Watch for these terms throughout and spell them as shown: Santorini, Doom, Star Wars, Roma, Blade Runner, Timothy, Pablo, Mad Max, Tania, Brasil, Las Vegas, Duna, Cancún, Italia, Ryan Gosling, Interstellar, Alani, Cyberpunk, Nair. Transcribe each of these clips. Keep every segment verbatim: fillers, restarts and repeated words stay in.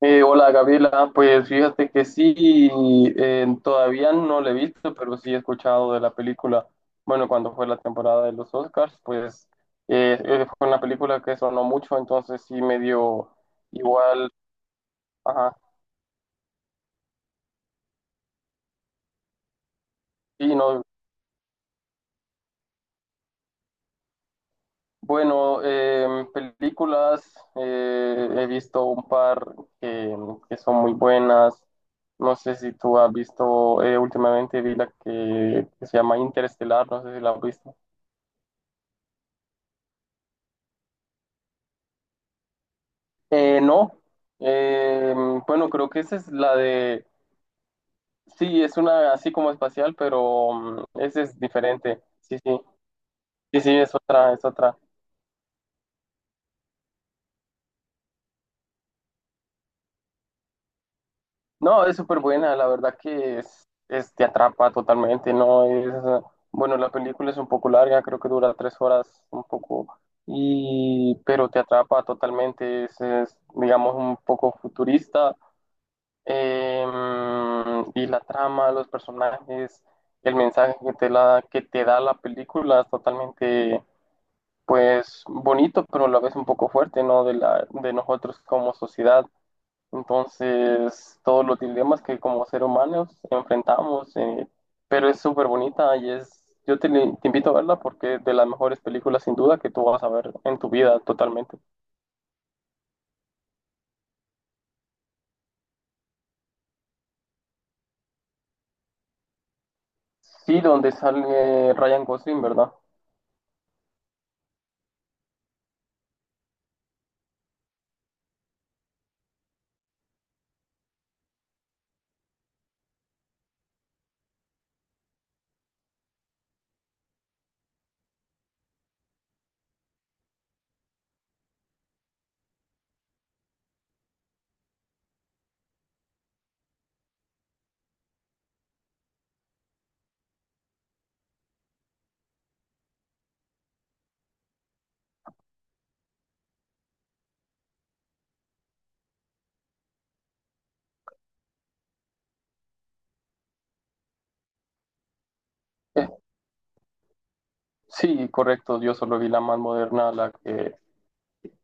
Eh, hola Gabriela, pues fíjate que sí, eh, todavía no la he visto, pero sí he escuchado de la película. Bueno, cuando fue la temporada de los Oscars, pues eh, eh, fue una película que sonó mucho, entonces sí me dio igual. Ajá, sí, no. Bueno, eh, películas, eh, he visto un par que, que son muy buenas. No sé si tú has visto, eh, últimamente vi la que, que se llama Interestelar, no sé si la has visto. Eh, no. Eh, bueno, creo que esa es la de... Sí, es una así como espacial, pero mm, esa es diferente. Sí, sí. Sí, sí, es otra, es otra. No, es súper buena, la verdad que es, es- te atrapa totalmente, ¿no? Es, bueno, la película es un poco larga, creo que dura tres horas, un poco, y, pero te atrapa totalmente, es, es, digamos, un poco futurista. Em, y la trama, los personajes, el mensaje que te la, que te da la película es totalmente, pues, bonito, pero a la vez un poco fuerte, ¿no? De la, de nosotros como sociedad. Entonces, todos los dilemas que como seres humanos enfrentamos, eh, pero es súper bonita y es, yo te, te invito a verla porque es de las mejores películas sin duda que tú vas a ver en tu vida totalmente. Sí, donde sale Ryan Gosling, ¿verdad? Sí, correcto. Yo solo vi la más moderna, la que,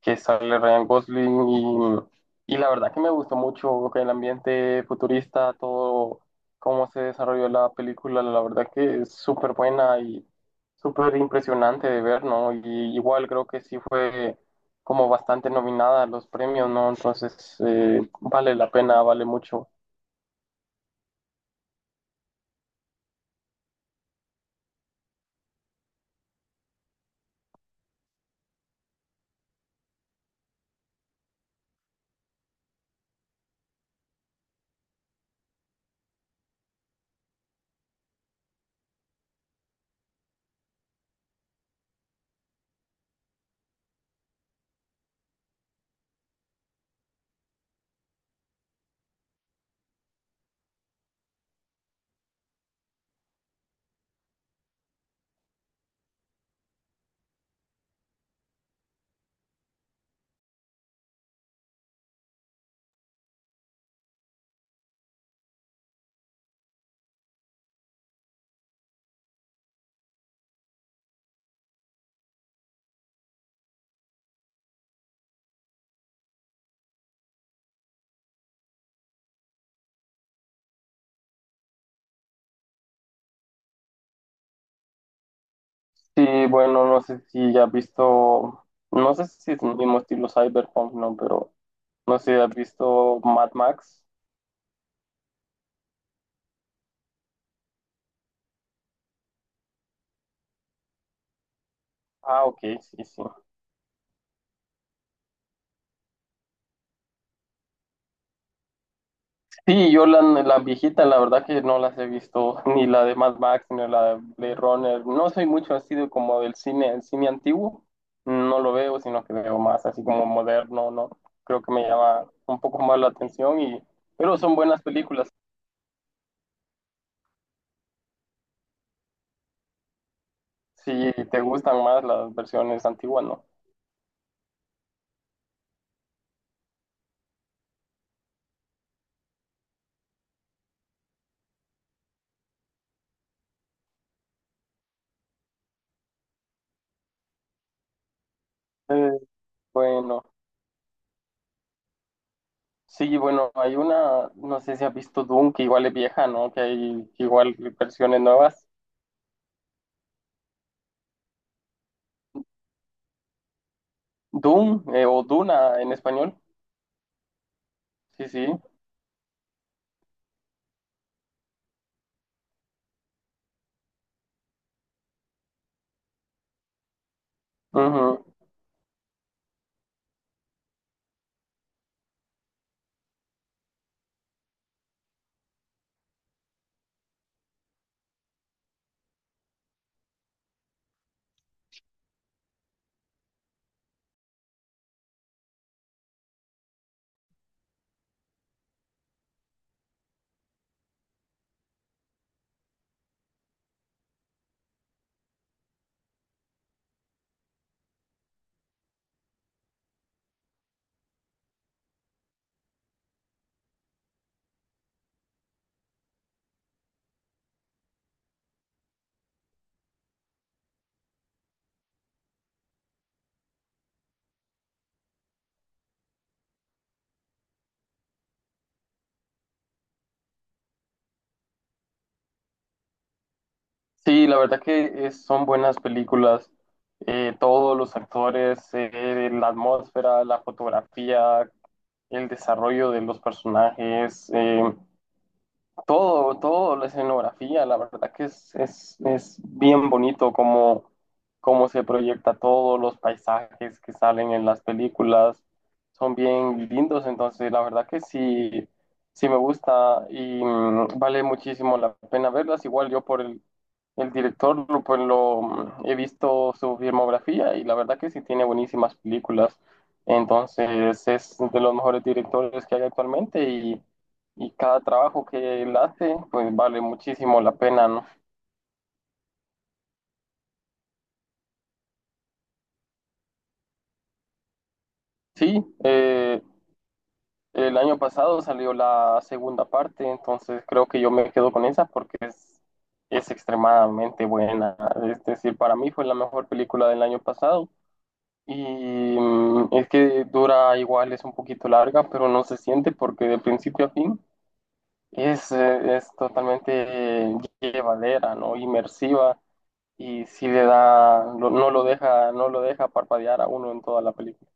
que sale Ryan Gosling y, y la verdad que me gustó mucho que el ambiente futurista, todo cómo se desarrolló la película, la verdad que es súper buena y súper impresionante de ver, ¿no? Y igual creo que sí fue como bastante nominada a los premios, ¿no? Entonces eh, vale la pena, vale mucho. Sí, bueno, no sé si ya has visto, no sé si es el mismo estilo Cyberpunk, ¿no? Pero no sé, ¿has visto Mad Max? Ah, ok, sí, sí. Sí, yo la, la viejita, la verdad que no las he visto, ni la de Mad Max, ni la de Blade Runner. No soy mucho así de como del cine, el cine antiguo, no lo veo, sino que veo más así como moderno, ¿no? Creo que me llama un poco más la atención y... Pero son buenas películas, si te gustan más las versiones antiguas, ¿no? Eh, bueno, sí, bueno, hay una, no sé si has visto Doom, que igual es vieja, ¿no? Que hay igual versiones nuevas. Doom eh, o Duna en español. Sí, sí. Ujú. Sí, la verdad que es- son buenas películas. Eh, todos los actores, eh, la atmósfera, la fotografía, el desarrollo de los personajes. eh, Todo, todo, la escenografía, la verdad que es, es, es bien bonito cómo, cómo se proyecta todo, los paisajes que salen en las películas son bien lindos, entonces la verdad que sí, sí me gusta y mm, vale muchísimo la pena verlas. Igual yo por el, el director, lo- pues lo mm, he visto su filmografía y la verdad que sí tiene buenísimas películas, entonces es de los mejores directores que hay actualmente y y cada trabajo que él hace, pues vale muchísimo la pena, ¿no? Sí, eh, el año pasado salió la segunda parte, entonces creo que yo me quedo con esa porque es, es extremadamente buena. Es decir, para mí fue la mejor película del año pasado y mm, es que dura igual, es un poquito larga, pero no se siente porque de principio a fin es, eh, es totalmente eh, llevadera, ¿no? Inmersiva y sí le da, lo- no lo deja, no lo deja parpadear a uno en toda la película.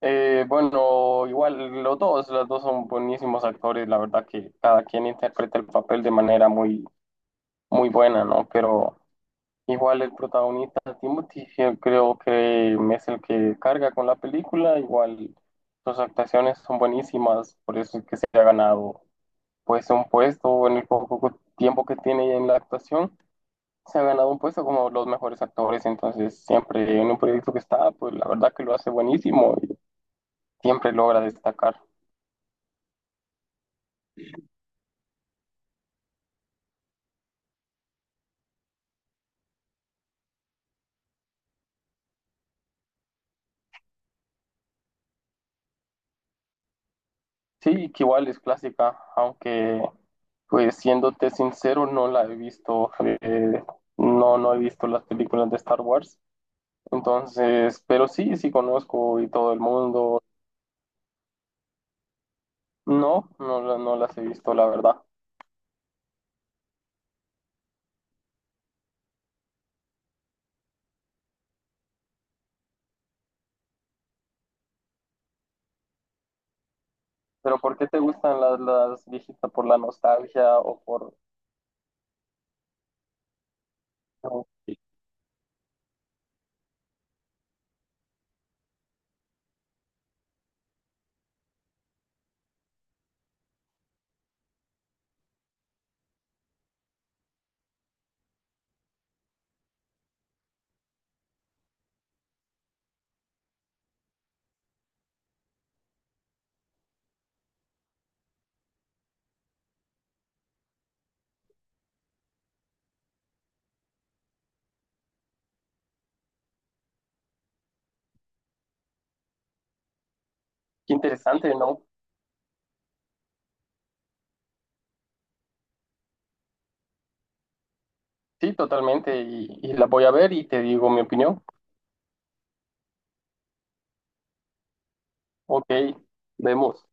Eh, bueno, igual los dos, los dos son buenísimos actores, la verdad que cada quien interpreta el papel de manera muy, muy buena, ¿no? Pero igual el protagonista Timothy, yo creo que es el que carga con la película, igual sus actuaciones son buenísimas, por eso es que se ha ganado pues un puesto en el poco tiempo que tiene en la actuación. Se ha ganado un puesto como los mejores actores, entonces siempre en un proyecto que está, pues la verdad que lo hace buenísimo y siempre logra destacar. Sí, que igual es clásica, aunque pues siéndote sincero, no la he visto, eh, no, no he visto las películas de Star Wars, entonces, pero sí, sí conozco y todo el mundo, no, no, la- no las he visto, la verdad. Pero ¿por qué te gustan las, las viejitas? ¿Por la nostalgia o por... no? Qué interesante, ¿no? Sí, totalmente. Y, y la voy a ver y te digo mi opinión. Ok, vemos.